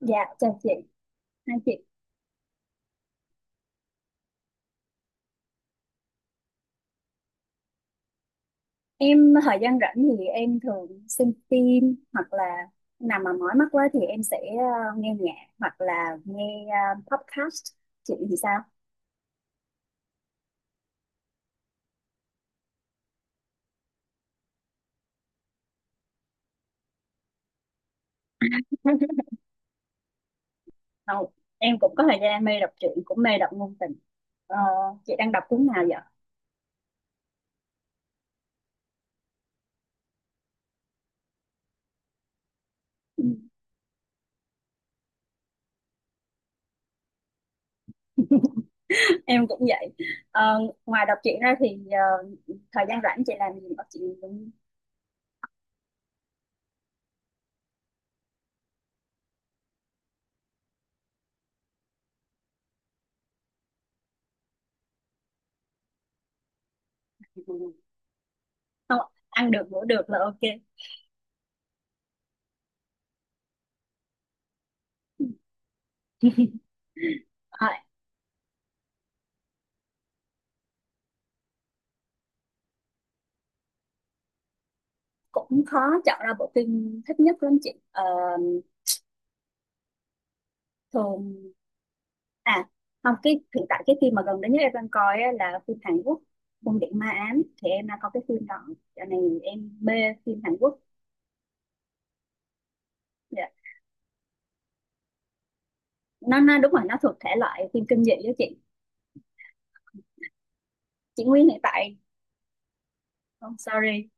Dạ, chào chị, hai chị. Em thời gian rảnh thì em thường xem phim, hoặc là nào mà mỏi mắt quá thì em sẽ nghe nhạc hoặc là nghe podcast. Chị thì sao? Không, em cũng có thời gian em mê đọc truyện, cũng mê đọc ngôn tình. Ờ, chị đang đọc cuốn nào vậy? Ừ. Em cũng vậy. Ờ, ngoài đọc truyện ra thì thời gian rảnh chị làm gì? Có chị cũng không, ăn được ngủ được là ok. Ờ, cũng khó chọn ra bộ phim thích nhất lắm chị. Ờ, thường à không, cái hiện tại cái phim mà gần đây nhất em đang coi á, là phim Hàn Quốc Cung điện ma ám, thì em đang coi cái phim đó cho nên em mê phim Hàn Quốc. Dạ. Nó đúng rồi, nó thuộc thể loại phim kinh dị đó chị. Chị Nguyên hiện tại không, sorry.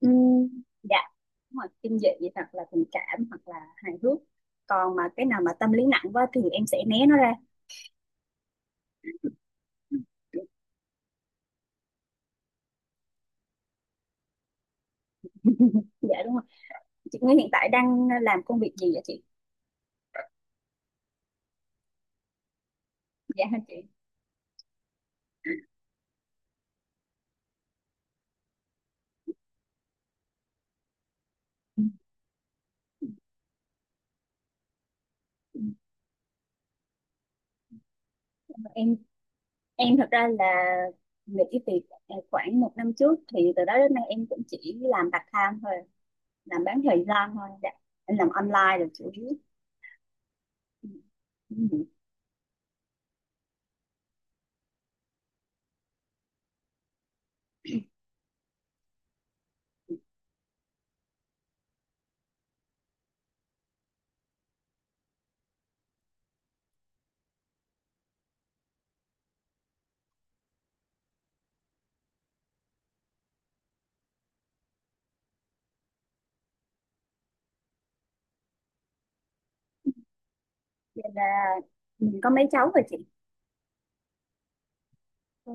Ừm, dạ đúng rồi, kinh dị hoặc là tình cảm hoặc là hài hước, còn mà cái nào mà tâm lý nặng quá thì em sẽ né nó ra. Dạ đúng rồi, chị Nguyên hiện tại đang làm công việc gì vậy chị? Dạ hả chị? Em em thật ra là nghỉ việc khoảng 1 năm trước, thì từ đó đến nay em cũng chỉ làm part time thôi, làm bán thời gian thôi, dạ. Em làm online là chủ yếu. Ừ. Vậy là mình có mấy cháu rồi chị? Ừ.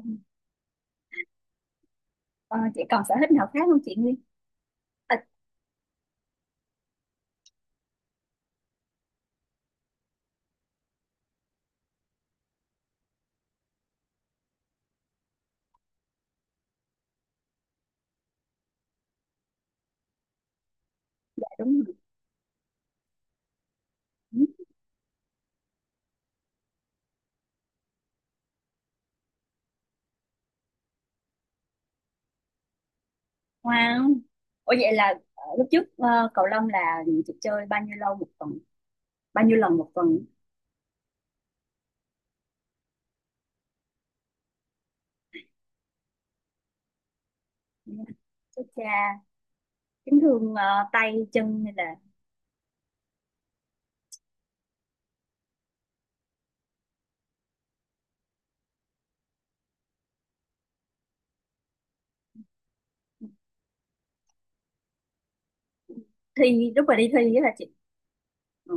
Ờ, chị còn sở thích nào khác không chị Nguyên? À, dạ đúng rồi. Ừ. Wow, ủa vậy là lúc trước cầu lông là chị chơi bao nhiêu lâu một tuần, bao nhiêu lần một tuần? Chết cha, chấn thương tay chân hay là thi lúc mà đi thi á là chị? Ừ.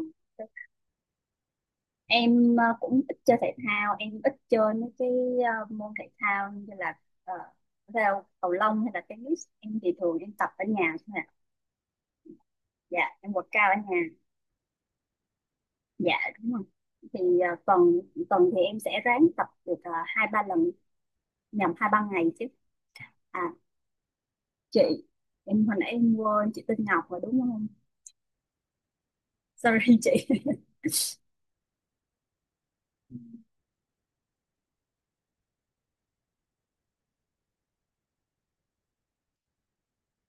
Em cũng ít chơi thể thao, em ít chơi mấy cái môn thể thao như là theo cầu lông hay là tennis. Em thì thường em tập ở nhà thôi à. Dạ, em quật cao ở nhà. Dạ đúng rồi. Thì ờ, tuần tuần thì em sẽ ráng tập được hai ba lần, nhầm, hai ba ngày chứ. À chị, em hồi nãy em quên, chị tên Ngọc rồi đúng không? Sorry chị.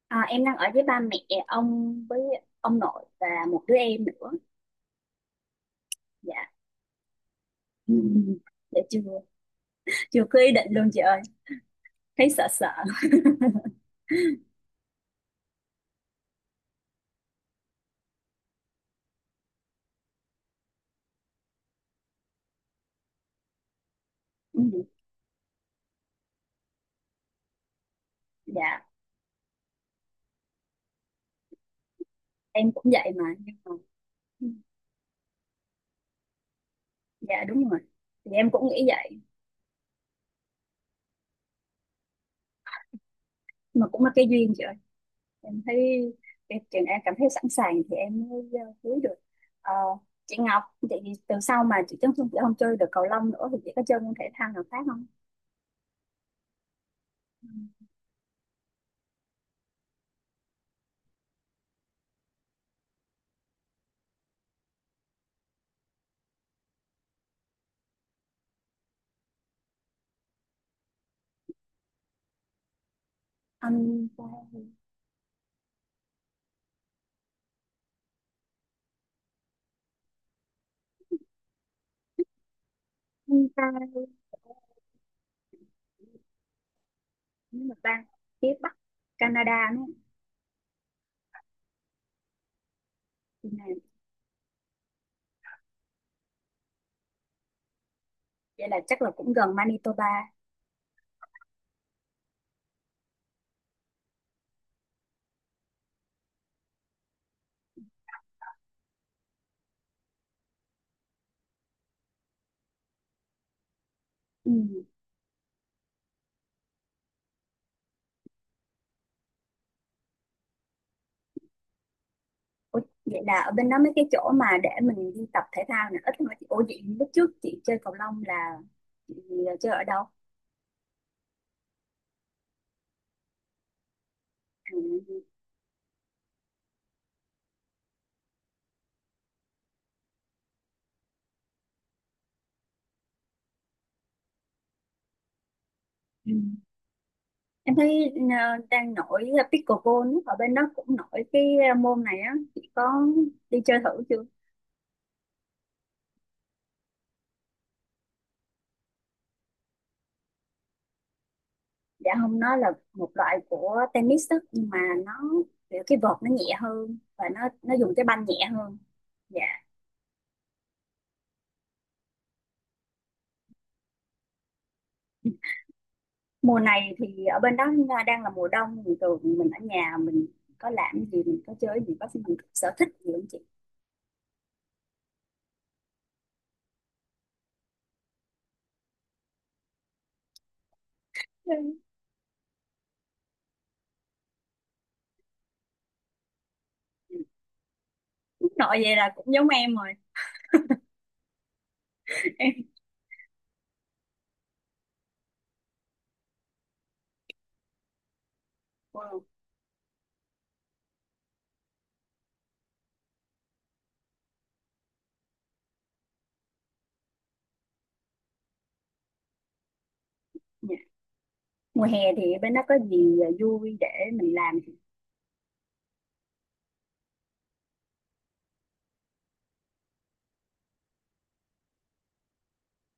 À, em đang ở với ba mẹ, ông với ông nội và một đứa em nữa. Dạ. Ừ. Dạ chưa. Chưa có ý định luôn chị ơi, thấy sợ sợ. Ừ, dạ em cũng vậy mà, nhưng mà ừ, dạ đúng rồi, thì em cũng nghĩ vậy mà cũng là cái duyên chị ơi. Em thấy cái trường em cảm thấy sẵn sàng thì em mới cưới được. Ờ, chị Ngọc, chị từ sau mà chị Trấn Xuân chị không chơi được cầu lông nữa thì chị có chơi môn thể thao nào khác không? Ừ. Anh ta, anh ta nhưng mà bang phía Bắc Canada nữa. Thì này, vậy là chắc là cũng gần Manitoba. Ừ. Ủa, vậy là ở bên đó mấy cái chỗ mà để mình đi tập thể thao này ít thôi chị? Ủa vậy lúc trước chị chơi cầu lông là chị chơi ở đâu? À, ừ. Em thấy đang nổi pickleball ấy, ở bên đó cũng nổi cái môn này á, chị có đi chơi thử chưa? Dạ không, nó là một loại của tennis đó, nhưng mà nó kiểu cái vợt nó nhẹ hơn và nó dùng cái banh nhẹ hơn. Dạ. Mùa này thì ở bên đó đang là mùa đông thì thường mình ở nhà mình có làm gì, mình có chơi gì, có mình có sở thích gì không chị? Ừ. Nội vậy là cũng giống em rồi. Em wow. Dạ. Mùa hè thì bên đó có gì vui để mình làm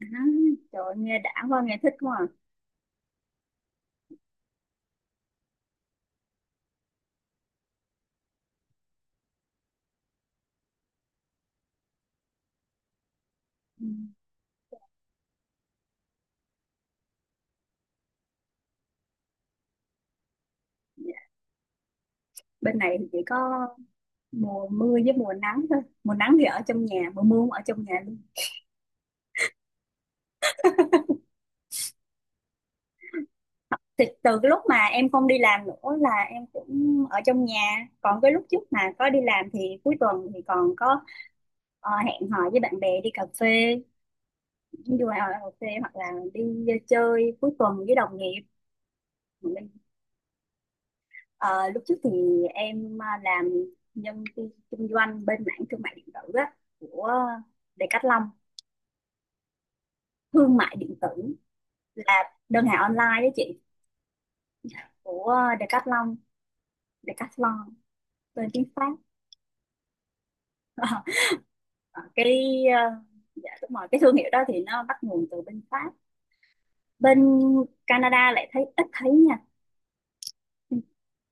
hả? Trời ơi, nghe đã quá, nghe thích quá à. Ừ. Dạ. Bên này thì chỉ có mùa mưa với mùa nắng thôi, mùa nắng thì ở trong nhà, mùa mưa cũng ở trong nhà luôn. Thì từ cái lúc mà em không đi làm nữa là em cũng ở trong nhà, còn cái lúc trước mà có đi làm thì cuối tuần thì còn có hẹn hò với bạn bè đi cà phê, đi ngoài ngoài cà phê hoặc là đi chơi cuối tuần với đồng nghiệp. Ờ, lúc trước thì em làm nhân viên kinh doanh bên mảng thương mại điện tử á, của Decathlon. Thương mại điện tử, là đơn hàng online đó chị, của Decathlon. Decathlon tên tiếng Pháp. Ờ, ờ, dạ đúng rồi, cái thương hiệu đó thì nó bắt nguồn từ bên Pháp, bên Canada lại thấy ít thấy nha. Ừ,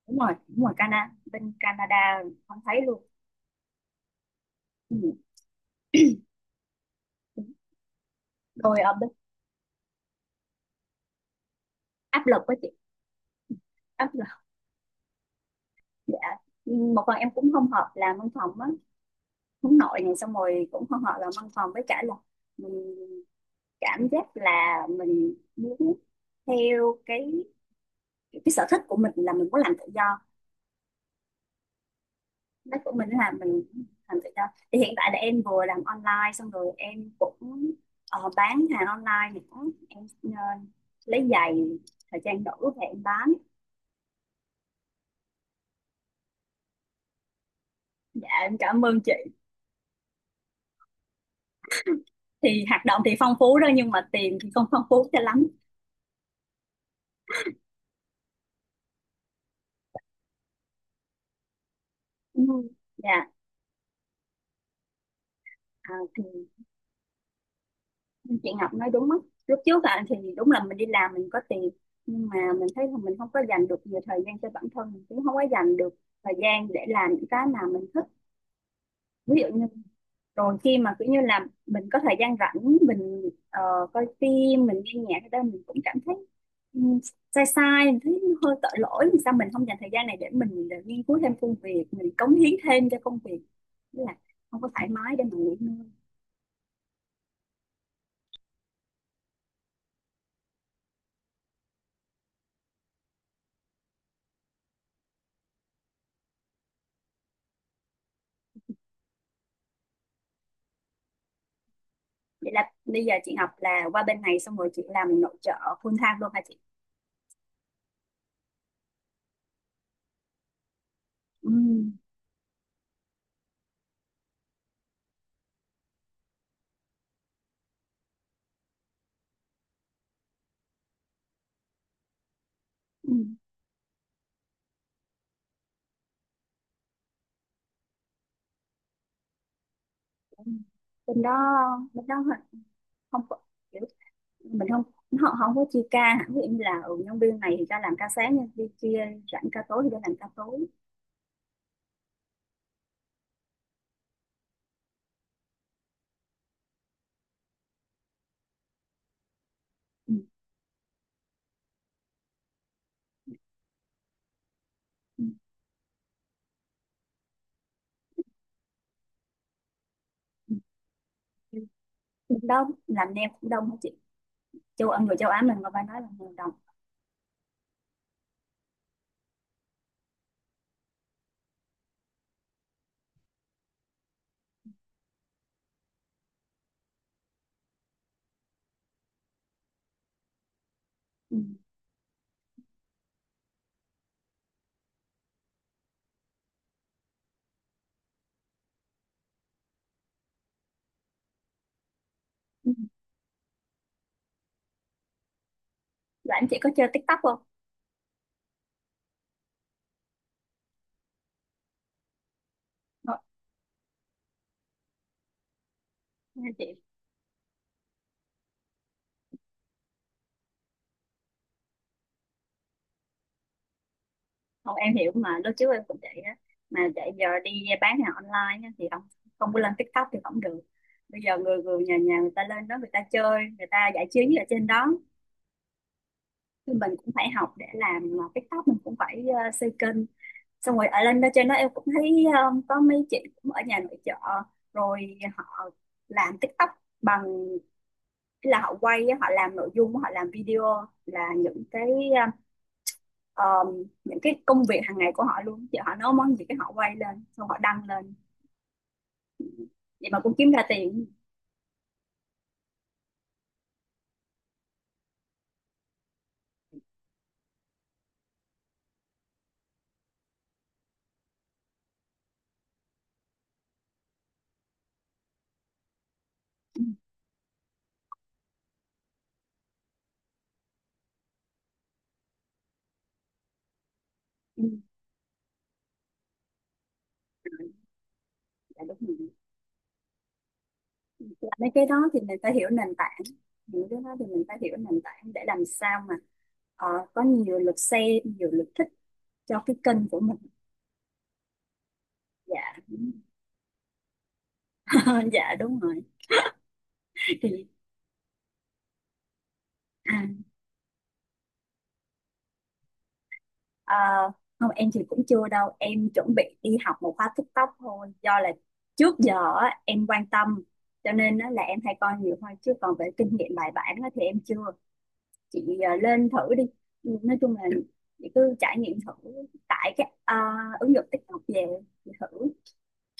đúng rồi đúng rồi, Canada, bên Canada không thấy luôn. Ừ. Rồi ở bên áp lực với chị, áp lực, dạ. Ừ, một phần em cũng không hợp làm văn phòng á, hướng nội này, xong rồi cũng không hợp làm văn phòng, với cả là mình cảm giác là mình muốn theo cái sở thích của mình là mình muốn làm tự do. Đất của mình là mình làm tự do. Thì hiện tại là em vừa làm online xong rồi em cũng bán hàng online nữa. Em lấy giày thời trang nữ về em bán. Dạ em cảm ơn chị. Thì hoạt động thì phong phú đó nhưng mà tiền thì không phong phú cho lắm. Ừ. Dạ à, thì chị Ngọc nói đúng á. Lúc trước à, thì đúng là mình đi làm mình có tiền, nhưng mà mình thấy là mình không có dành được nhiều thời gian cho bản thân, mình cũng không có dành được thời gian để làm những cái mà mình thích. Ví dụ như rồi khi mà kiểu như là mình có thời gian rảnh, mình coi phim mình nghe nhạc thì đó mình cũng cảm thấy ừm, sai sai, mình thấy hơi tội lỗi vì sao mình không dành thời gian này để mình để nghiên cứu thêm công việc, mình cống hiến thêm cho công việc. Tức là không có thoải mái để mà nghỉ ngơi. Vậy là bây giờ chị học là qua bên này xong rồi chị làm nội trợ full time luôn hả chị? Ừ. Ừ. Bên đó, bên đó không có mình không, họ họ không có chia ca hả, ví dụ như là ừ, nhân viên này thì ra làm ca sáng, nhân viên kia rảnh ca tối thì ra làm ca tối. Ừ. Ừ, ừ. Cũng đông làm nem cũng đông hả chị? Châu Á, người châu Á mình mà phải nói là người đông. Ừ. Ừ. Rồi em, chị có chơi TikTok không? Ờ, nghe chị. Không, em hiểu mà, lúc trước em cũng vậy á, mà chạy giờ đi bán hàng online á, thì không, không có lên TikTok thì không được. Bây giờ người người nhà nhà người ta lên đó, người ta chơi, người ta giải trí ở trên đó, thì mình cũng phải học để làm TikTok, mình cũng phải xây kênh, xong rồi ở lên đó trên đó em cũng thấy có mấy chị cũng ở nhà nội trợ rồi họ làm TikTok bằng, ý là họ quay á, họ làm nội dung, họ làm video là những cái công việc hàng ngày của họ luôn chị, họ nấu món gì cái họ quay lên xong họ đăng lên, vậy mà cũng kiếm ra tiền. Ừ, ừ, dạ đúng rồi. Làm mấy cái đó thì mình phải hiểu nền tảng, những cái đó thì mình phải hiểu nền tảng để làm sao mà ờ, có nhiều lượt xem nhiều lượt thích cho cái kênh của mình. Dạ. Ờ, dạ đúng rồi. Thì à, ờ, không, em thì cũng chưa đâu, em chuẩn bị đi học một khóa TikTok thôi, do là trước giờ á, em quan tâm cho nên á là em hay coi nhiều thôi, chứ còn về kinh nghiệm bài bản á thì em chưa. Chị lên thử đi. Ừ, nói chung là chị cứ trải nghiệm thử, tải cái ứng dụng TikTok về, chị thử,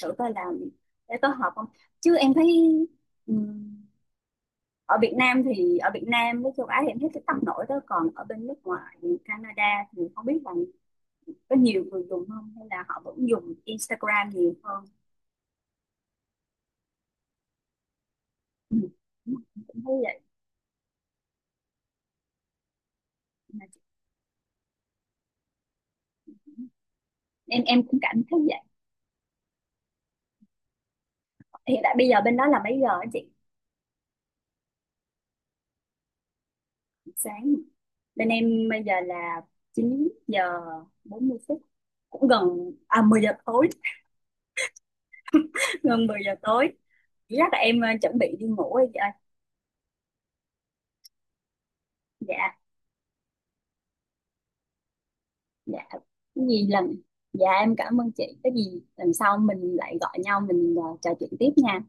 coi là để có hợp không. Chứ em thấy ở Việt Nam, thì ở Việt Nam với châu Á thì em thấy cái tăng nổi đó, còn ở bên nước ngoài như Canada thì không biết là có nhiều người dùng không hay là họ vẫn dùng Instagram nhiều hơn. Ừ. Em cũng thấy vậy. Mà chị, em cũng cảm thấy vậy. Hiện tại bây giờ bên đó là mấy giờ á chị? Sáng, bên em bây giờ là 9 giờ 40 phút, cũng gần à 10 giờ tối. Gần 10 giờ tối, chắc là em chuẩn bị đi ngủ rồi chị ơi. Dạ. Dạ. Cái gì lần, dạ em cảm ơn chị, cái gì lần sau mình lại gọi nhau mình trò chuyện tiếp nha.